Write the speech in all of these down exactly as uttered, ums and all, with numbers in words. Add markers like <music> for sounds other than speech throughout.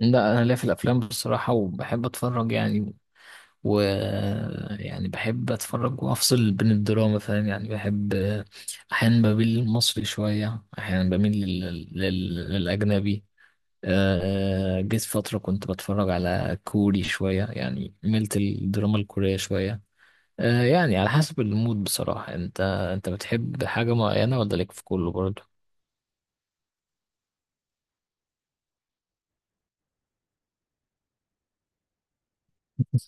لا، انا ليا في الافلام بصراحه وبحب اتفرج يعني و يعني بحب اتفرج وافصل بين الدراما، فاهم؟ يعني بحب احيانا بميل للمصري شويه، احيانا بميل لل... لل... للاجنبي. آه، جيت فتره كنت بتفرج على كوري شويه، يعني ميلت الدراما الكوريه شويه. آه، يعني على حسب المود بصراحه. انت انت بتحب حاجه معينه ولا ليك في كله برضه؟ <laughs>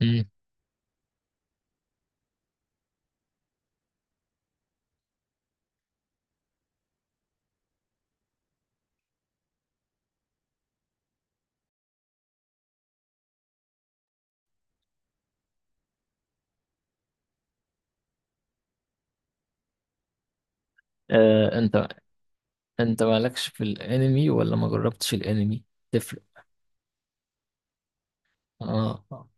مم. آه، انت انت مالكش في الانمي ولا ما جربتش الانمي؟ تفرق. اه آه.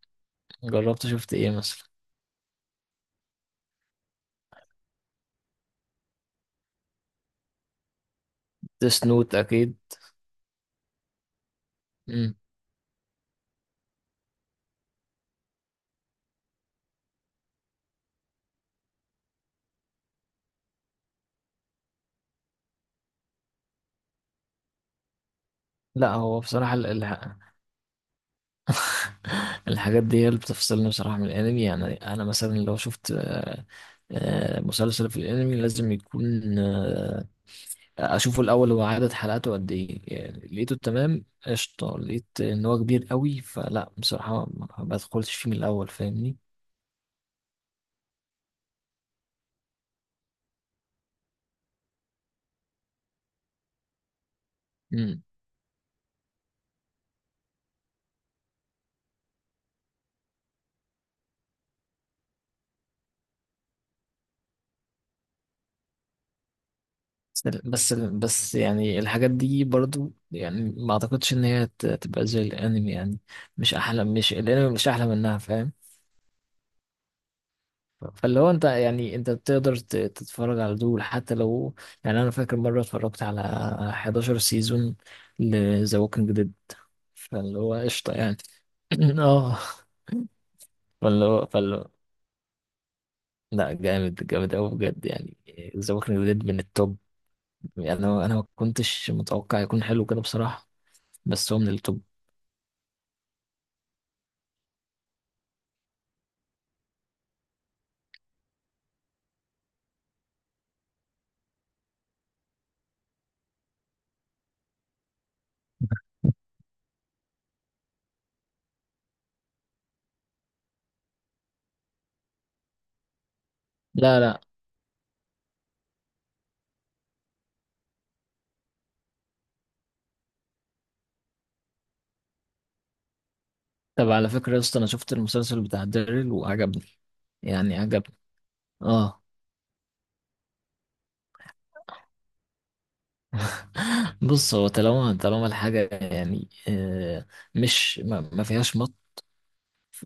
جربت شفت ايه مثلا؟ سنوت اكيد. مم. لا هو بصراحة ال- الح... <laughs> الحاجات دي هي اللي بتفصلني بصراحة من الانمي. يعني انا مثلا لو شفت آه، آه، مسلسل في الانمي، لازم يكون آه، اشوفه الاول هو عدد حلقاته قد ايه. يعني لقيته تمام، قشطة. لقيت ان هو كبير قوي، فلا بصراحة ما ما بدخلش فيه من الاول، فاهمني؟ بس بس بس يعني الحاجات دي برضو يعني ما اعتقدش ان هي ت- تبقى زي الانمي. يعني مش احلى، مش الانمي مش احلى منها، فاهم؟ فاللي هو انت، يعني انت بتقدر ت- تتفرج على دول حتى لو. يعني انا فاكر مره اتفرجت على حداشر سيزون لذا ووكينج ديد، فاللي هو قشطه يعني. <laughs> <clears throat> اه. فاللي هو فاللي هو لا، جامد جامد قوي بجد يعني. ذا ووكينج ديد من التوب. يعني انا انا ما كنتش متوقع يكون حلو كده بصراحه، بس هو من التوب. لا لا. طب على فكرة يا اسطى، أنا شفت المسلسل بتاع ديرل وعجبني، يعني عجبني. اه. <laughs> بص هو، طالما طالما الحاجة يعني آه، مش ما ما فيهاش مط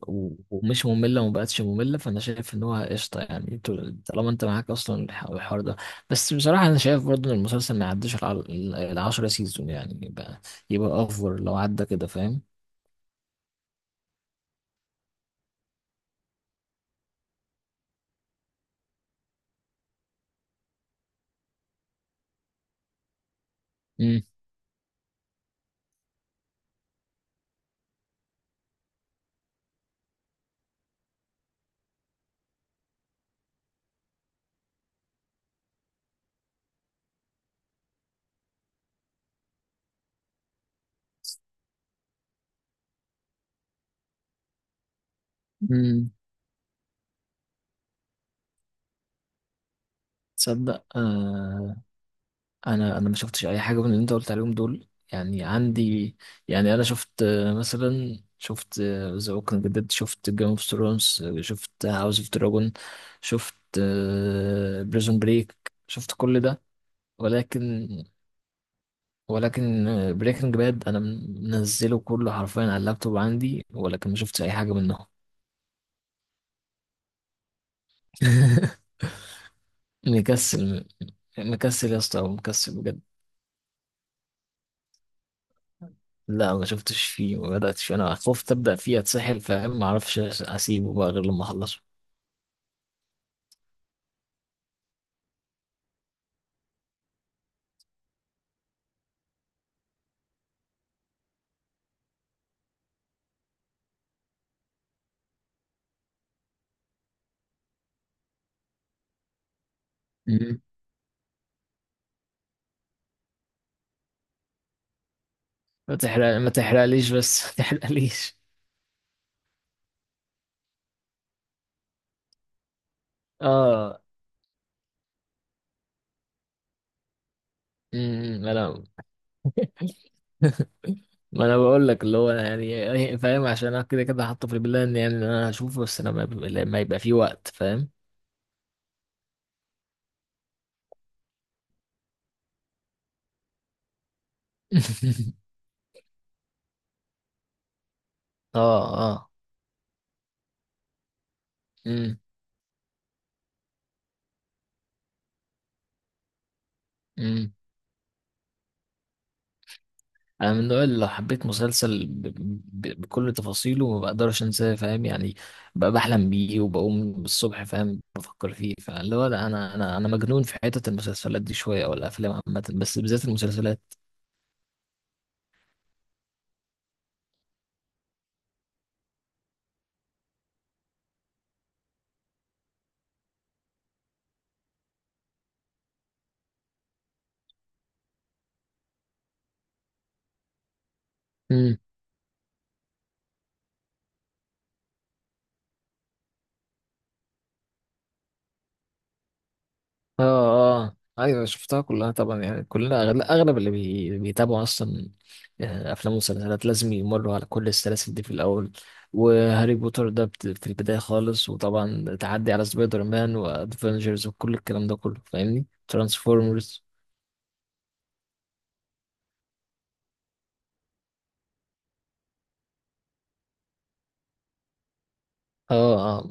و- ومش مملة وما بقتش مملة، فأنا شايف إن هو قشطة. يعني طول- طالما أنت معاك أصلا الح- الحوار ده. بس بصراحة أنا شايف برضه إن المسلسل ما يعديش الع- ال- العشرة سيزون، يعني يبقى يبقى أوفر لو عدى كده، فاهم؟ مم. مم. تصدق، انا انا ما شفتش اي حاجه من اللي انت قلت عليهم دول، يعني عندي. يعني انا شفت آه، مثلا شفت آه، ذا ووكينج ديد، شفت جيم اوف ثرونز، شفت هاوس اوف دراجون، شفت آه، بريزون بريك، شفت كل ده، ولكن. ولكن آه، بريكنج باد انا منزله كله حرفيا على اللابتوب عندي، ولكن ما شفتش اي حاجه منهم. <laughs> مكسل. مكسل يا اسطى، مكسل بجد. لا، ما شفتش فيه، ما بدأتش، انا خفت ابدأ فيه اتسحل، فاهم؟ ما اعرفش اسيبه بقى غير لما اخلصه. مم. ما تحرق، ما تحرقليش بس. <laughs> ما تحرقليش. اه. امم، انا <laughs> ما انا بقول لك اللي هو، يعني فاهم؟ عشان انا كده كده حاطه في البلان يعني، ان انا هشوفه، بس لما يبقى، لما يبقى في وقت، فاهم؟ <laughs> اه. اه. امم. انا من النوع اللي لو حبيت مسلسل ب... ب... بكل تفاصيله، ما بقدرش انساه، فاهم يعني؟ بقى بحلم بيه وبقوم بالصبح فاهم بفكر فيه. فاللي هو لا، انا انا انا مجنون في حتة المسلسلات دي شوية، او الافلام عامة، بس بالذات المسلسلات. اه. اه. ايوه، شفتها كلها طبعا. يعني كلنا اغلب, أغلب اللي بي... بيتابعوا اصلا آه، افلام ومسلسلات لازم يمروا على كل السلاسل دي في الاول. وهاري بوتر ده بت... في البدايه خالص، وطبعا تعدي على سبايدر مان وادفنجرز وكل الكلام ده كله، فاهمني؟ ترانسفورمرز. اه اه.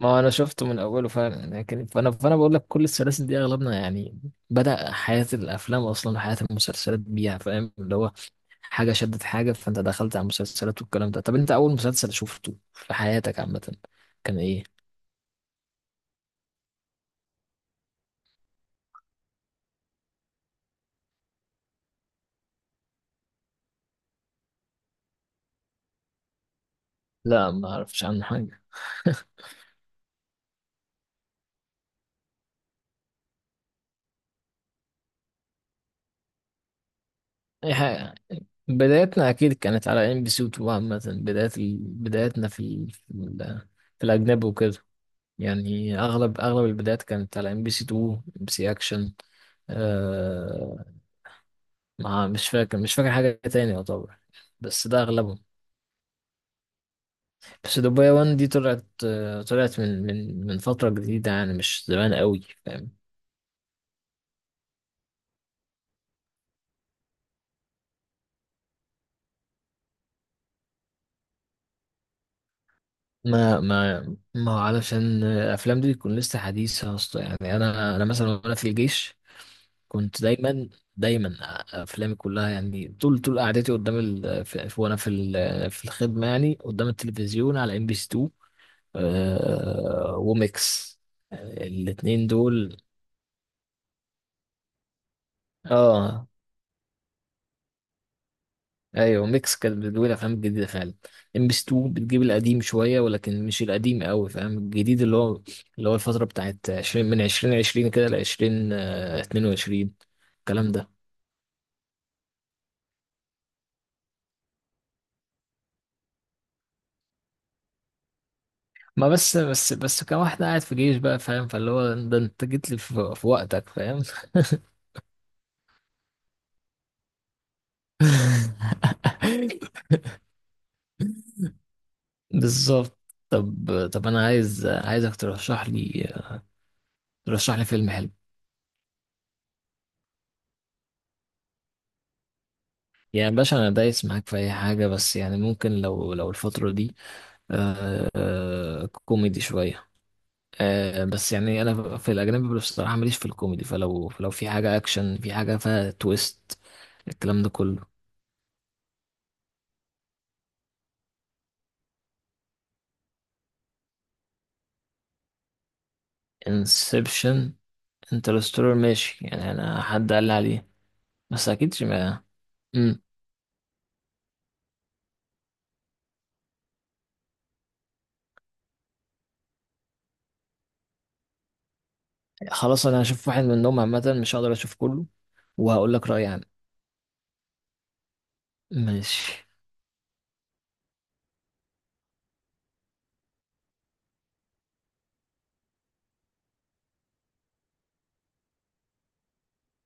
ما هو انا شفته من اوله فعلا. لكن فانا فانا بقول لك كل السلاسل دي اغلبنا يعني بدأ حياة الافلام، اصلا حياة المسلسلات بيها، فاهم؟ اللي هو حاجة شدت حاجة، فانت دخلت على المسلسلات والكلام ده. طب انت اول مسلسل شفته في حياتك عامة كان ايه؟ لا، ما اعرفش عنه حاجة. اي حاجة. بدايتنا اكيد كانت على ام بي سي اتنين عامة. بداية ال... بدايتنا في ال... في, ال... في الاجنبي وكده. يعني اغلب اغلب البدايات كانت على ام بي سي اتنين، ام بي سي اكشن. آه، ما مش فاكر مش فاكر حاجة تاني يعتبر، بس ده أغلبهم. بس دبي واحد دي طلعت، طلعت من من من فترة جديدة، يعني مش زمان قوي، فاهم؟ ما ما ما هو علشان الأفلام دي تكون لسه حديثة أصلا. يعني أنا أنا مثلا وأنا في الجيش كنت دايما دايما أفلامي كلها يعني، طول طول قعدتي قدام ال... في... في- وأنا في ال... في الخدمة يعني قدام التلفزيون على ام بي سي اتنين، وميكس، الاتنين دول. اه. ايوه، ميكس كانت بتجيب الافلام الجديده فعلا. ام بي اتنين بتجيب القديم شويه، ولكن مش القديم قوي، فاهم؟ الجديد اللي هو اللي هو الفتره بتاعت عشرين من ألفين وعشرين كده ل ألفين واتنين وعشرين، الكلام ده. ما بس بس بس كان واحد قاعد في جيش بقى، فاهم؟ فاللي هو ده انت جيت لي في, في وقتك، فاهم؟ <laughs> بالظبط. طب. طب انا عايز، عايزك ترشح لي ترشح لي فيلم حلو. يعني باشا انا دايس معاك في اي حاجه، بس يعني ممكن لو لو الفتره دي آه كوميدي شوية. آه بس يعني أنا في الأجنبي بصراحة ماليش في الكوميدي، فلو فلو في حاجة أكشن، في حاجة فيها تويست، الكلام ده كله. انسبشن. انترستولر ماشي، يعني أنا حد قال لي عليه، بس أكيد ما. مم. خلاص، أنا هشوف واحد منهم عامة، مش هقدر أشوف كله، وهقول لك رأيي عنه. ماشي.